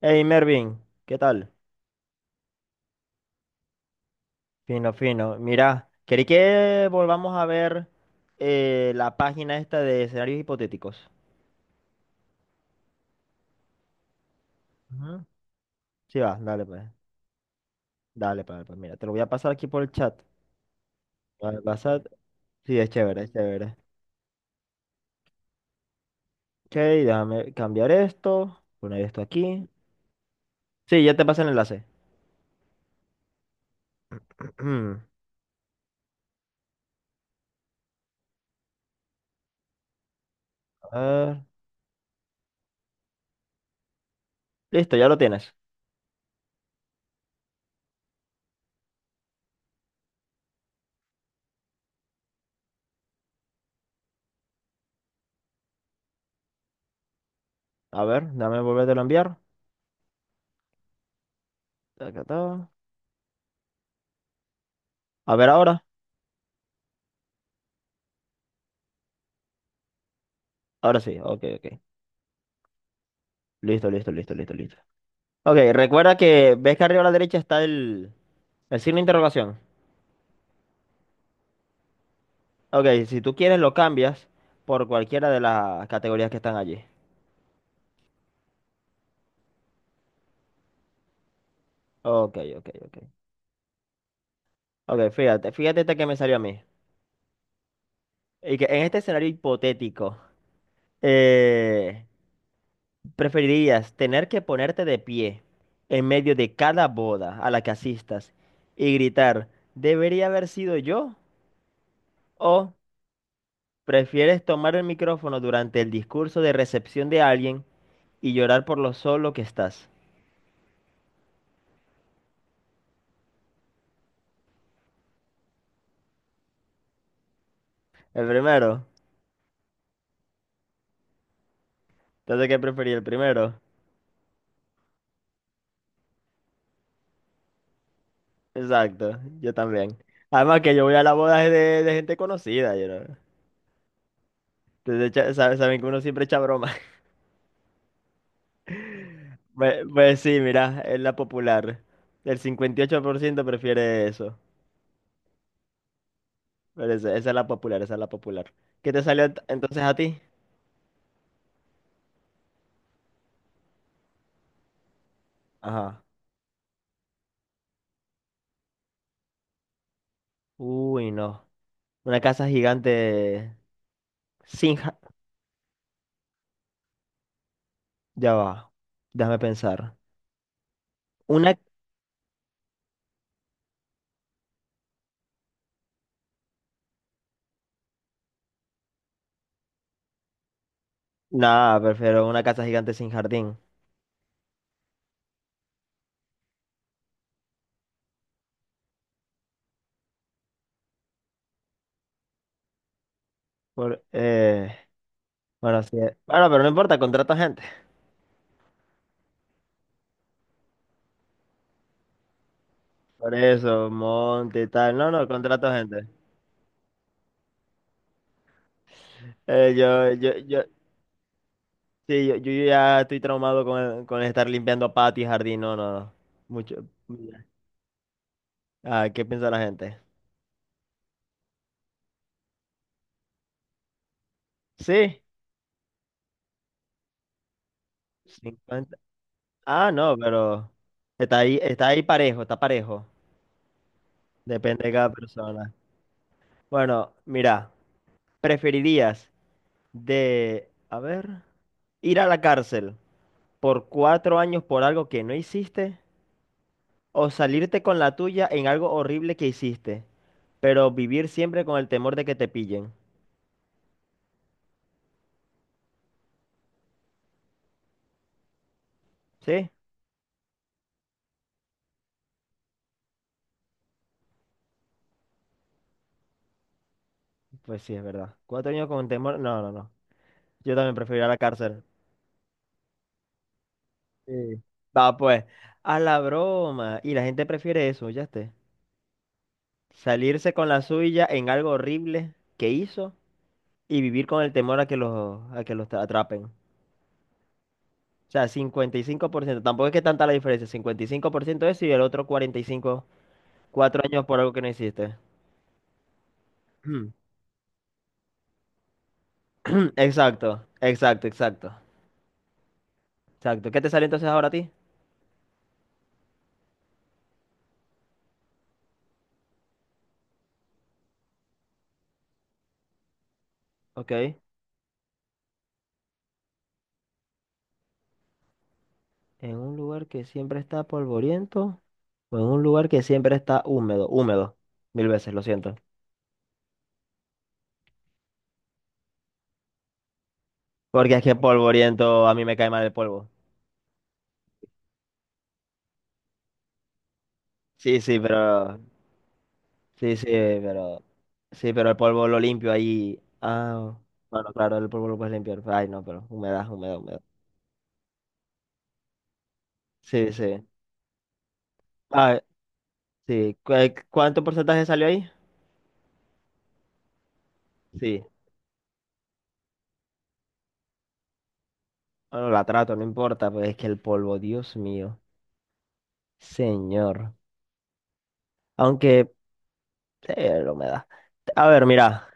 Hey Mervin, ¿qué tal? Fino, fino. Mira, quería que volvamos a ver la página esta de escenarios hipotéticos. Ujú. Sí, va, dale pues. Dale pues, pues, mira, te lo voy a pasar aquí por el chat. Vale, pasar. Sí, es chévere, es chévere. Ok, déjame cambiar esto, poner esto aquí. Sí, ya te pasé el enlace. A ver. Listo, ya lo tienes. A ver, déjame volvértelo a enviar. Taca, ta. A ver ahora. Ahora sí, ok, ok. Listo, listo, listo, listo, listo. Ok, recuerda que ves que arriba a la derecha está el signo de interrogación. Ok, si tú quieres lo cambias por cualquiera de las categorías que están allí. Ok, ok, ok. Ok, fíjate, fíjate esta que me salió a mí. Y que en este escenario hipotético, eh, preferirías tener que ponerte de pie en medio de cada boda a la que asistas y gritar, ¿debería haber sido yo? ¿O prefieres tomar el micrófono durante el discurso de recepción de alguien? Y llorar por lo solo que estás. El primero. Entonces, ¿qué preferí? El primero. Exacto, yo también. Además que yo voy a las bodas de gente conocida, you know. Entonces, echa- sabe- saben que uno siempre echa broma. Pues, pues sí, mira, es la popular. El 58% prefiere eso. Pero esa es la popular, esa es la popular. ¿Qué te salió ent- entonces a ti? Ajá. Uy, no. Una casa gigante sin... ja- Ya va. Déjame pensar. Una... Nada, prefiero una casa gigante sin jardín. Por, bueno, sí, bueno, pero no importa, contrato gente. Por eso, monte y tal. No, no, contrato gente. Eh, yo, yo, yo, sí, yo ya estoy traumado con, el- con estar limpiando patio y jardín. No, no, no. Mucho. Ah, ¿qué piensa la gente? Sí, 50. Ah, no, pero está ahí parejo, está parejo. Depende de cada persona. Bueno, mira, ¿preferirías de, a ver, ir a la cárcel por cuatro años por algo que no hiciste? ¿O salirte con la tuya en algo horrible que hiciste, pero vivir siempre con el temor de que te pillen? ¿Sí? Pues sí, es verdad. Cuatro años con temor. No, no, no. Yo también prefiero ir a la cárcel. Sí. Va, pues. A la broma. Y la gente prefiere eso, ya esté. Salirse con la suya en algo horrible que hizo y vivir con el temor a que los tra- atrapen. O sea, cincuenta y cinco por ciento. Tampoco es que tanta la diferencia. Cincuenta y cinco por ciento eso y el otro 45, cuatro años por algo que no hiciste. Exacto, exacto, exacto. Exacto. ¿Qué te sale entonces ahora a ti? Ok. En un lugar que siempre está polvoriento o en un lugar que siempre está húmedo. Húmedo. Mil veces, lo siento. Porque es que polvoriento a mí me cae mal el polvo. Sí, sí, pero. Sí, sí, pero. Sí, pero el polvo lo limpio ahí. Ah, bueno, claro, el polvo lo puedes limpiar. Ay, no, pero humedad, humedad, humedad. Sí, sí. Ah, sí. ¿Cu- ¿Cuánto porcentaje salió ahí? Sí. Bueno, la trato, no importa, pues es que el polvo, Dios mío. Señor. Aunque la humedad. A ver, mira.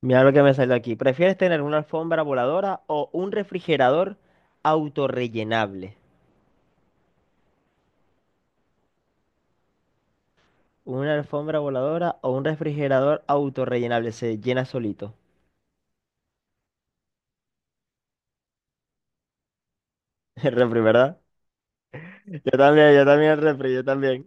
Mira lo que me salió aquí. ¿Prefieres tener una alfombra voladora o un refrigerador autorrellenable? Una alfombra voladora o un refrigerador autorrellenable. Se llena solito. El refri, ¿verdad? Yo también el refri, yo también.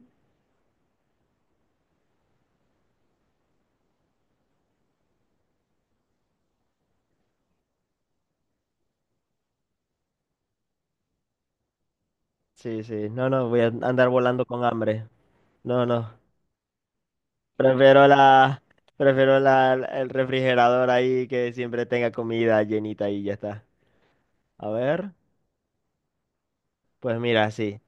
Sí, sí. No, no, voy a andar volando con hambre. No, no. Prefiero la, el refrigerador ahí que siempre tenga comida llenita y ya está. A ver, pues mira, sí.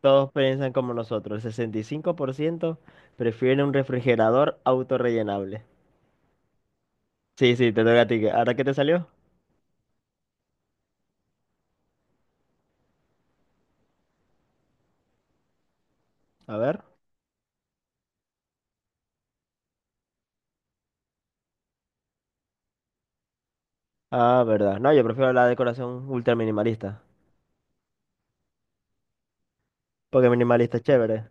Todos piensan como nosotros. El 65% prefiere un refrigerador autorrellenable. Sí, sí, te toca a ti. Que- ¿Ahora qué te salió? A ver. Ah, verdad. No, yo prefiero la decoración ultra minimalista. Porque minimalista es chévere.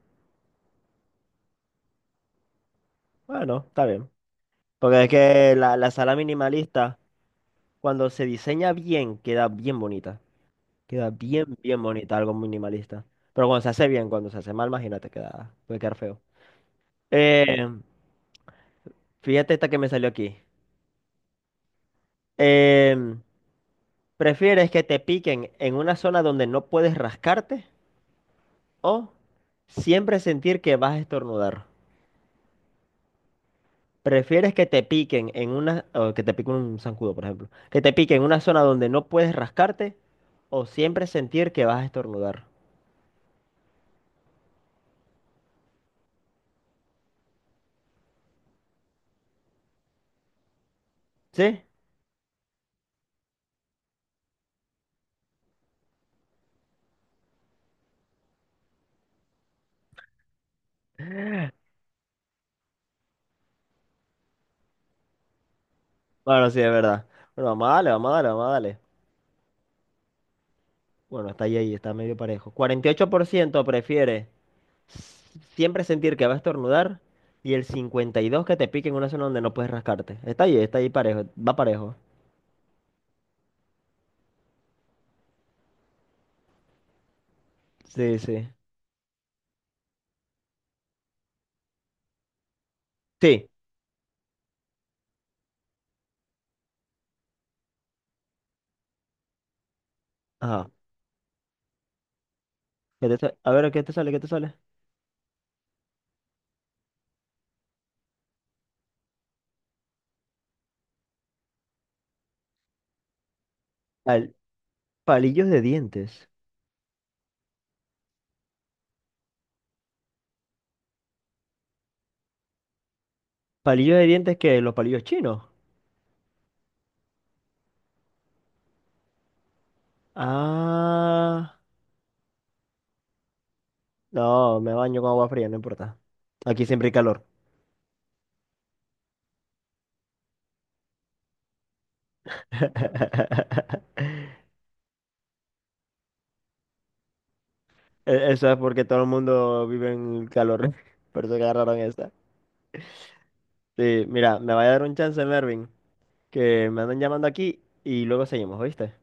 Bueno, está bien. Porque es que la sala minimalista, cuando se diseña bien, queda bien bonita. Queda bien, bien bonita, algo minimalista. Pero cuando se hace bien, cuando se hace mal, imagínate, queda, puede quedar feo. Eh, fíjate esta que me salió aquí. Em, ¿Prefieres que te piquen en una zona donde no puedes rascarte o siempre sentir que vas a estornudar? ¿Prefieres que te piquen en una, o que te pique un zancudo, por ejemplo, que te piquen en una zona donde no puedes rascarte o siempre sentir que vas a estornudar? ¿Sí? Bueno, sí, es verdad. Bueno, vamos a darle, vamos a darle, vamos a darle. Bueno, está ahí, ahí, está medio parejo. 48% prefiere s- siempre sentir que va a estornudar y el 52% que te pique en una zona donde no puedes rascarte. Está ahí parejo, va parejo. Sí, sí. Sí. Ajá. ¿Qué te sa- A ver, ¿qué te sale? ¿Qué te sale? Al- palillos de dientes. ¿Palillos de dientes que los palillos chinos? Ah. No, me baño con agua fría, no importa. Aquí siempre hay calor. E- Eso es porque todo el mundo vive en calor. Por eso que agarraron esta. Sí, mira, me va a dar un chance, Mervin, que me andan llamando aquí y luego seguimos, ¿oíste?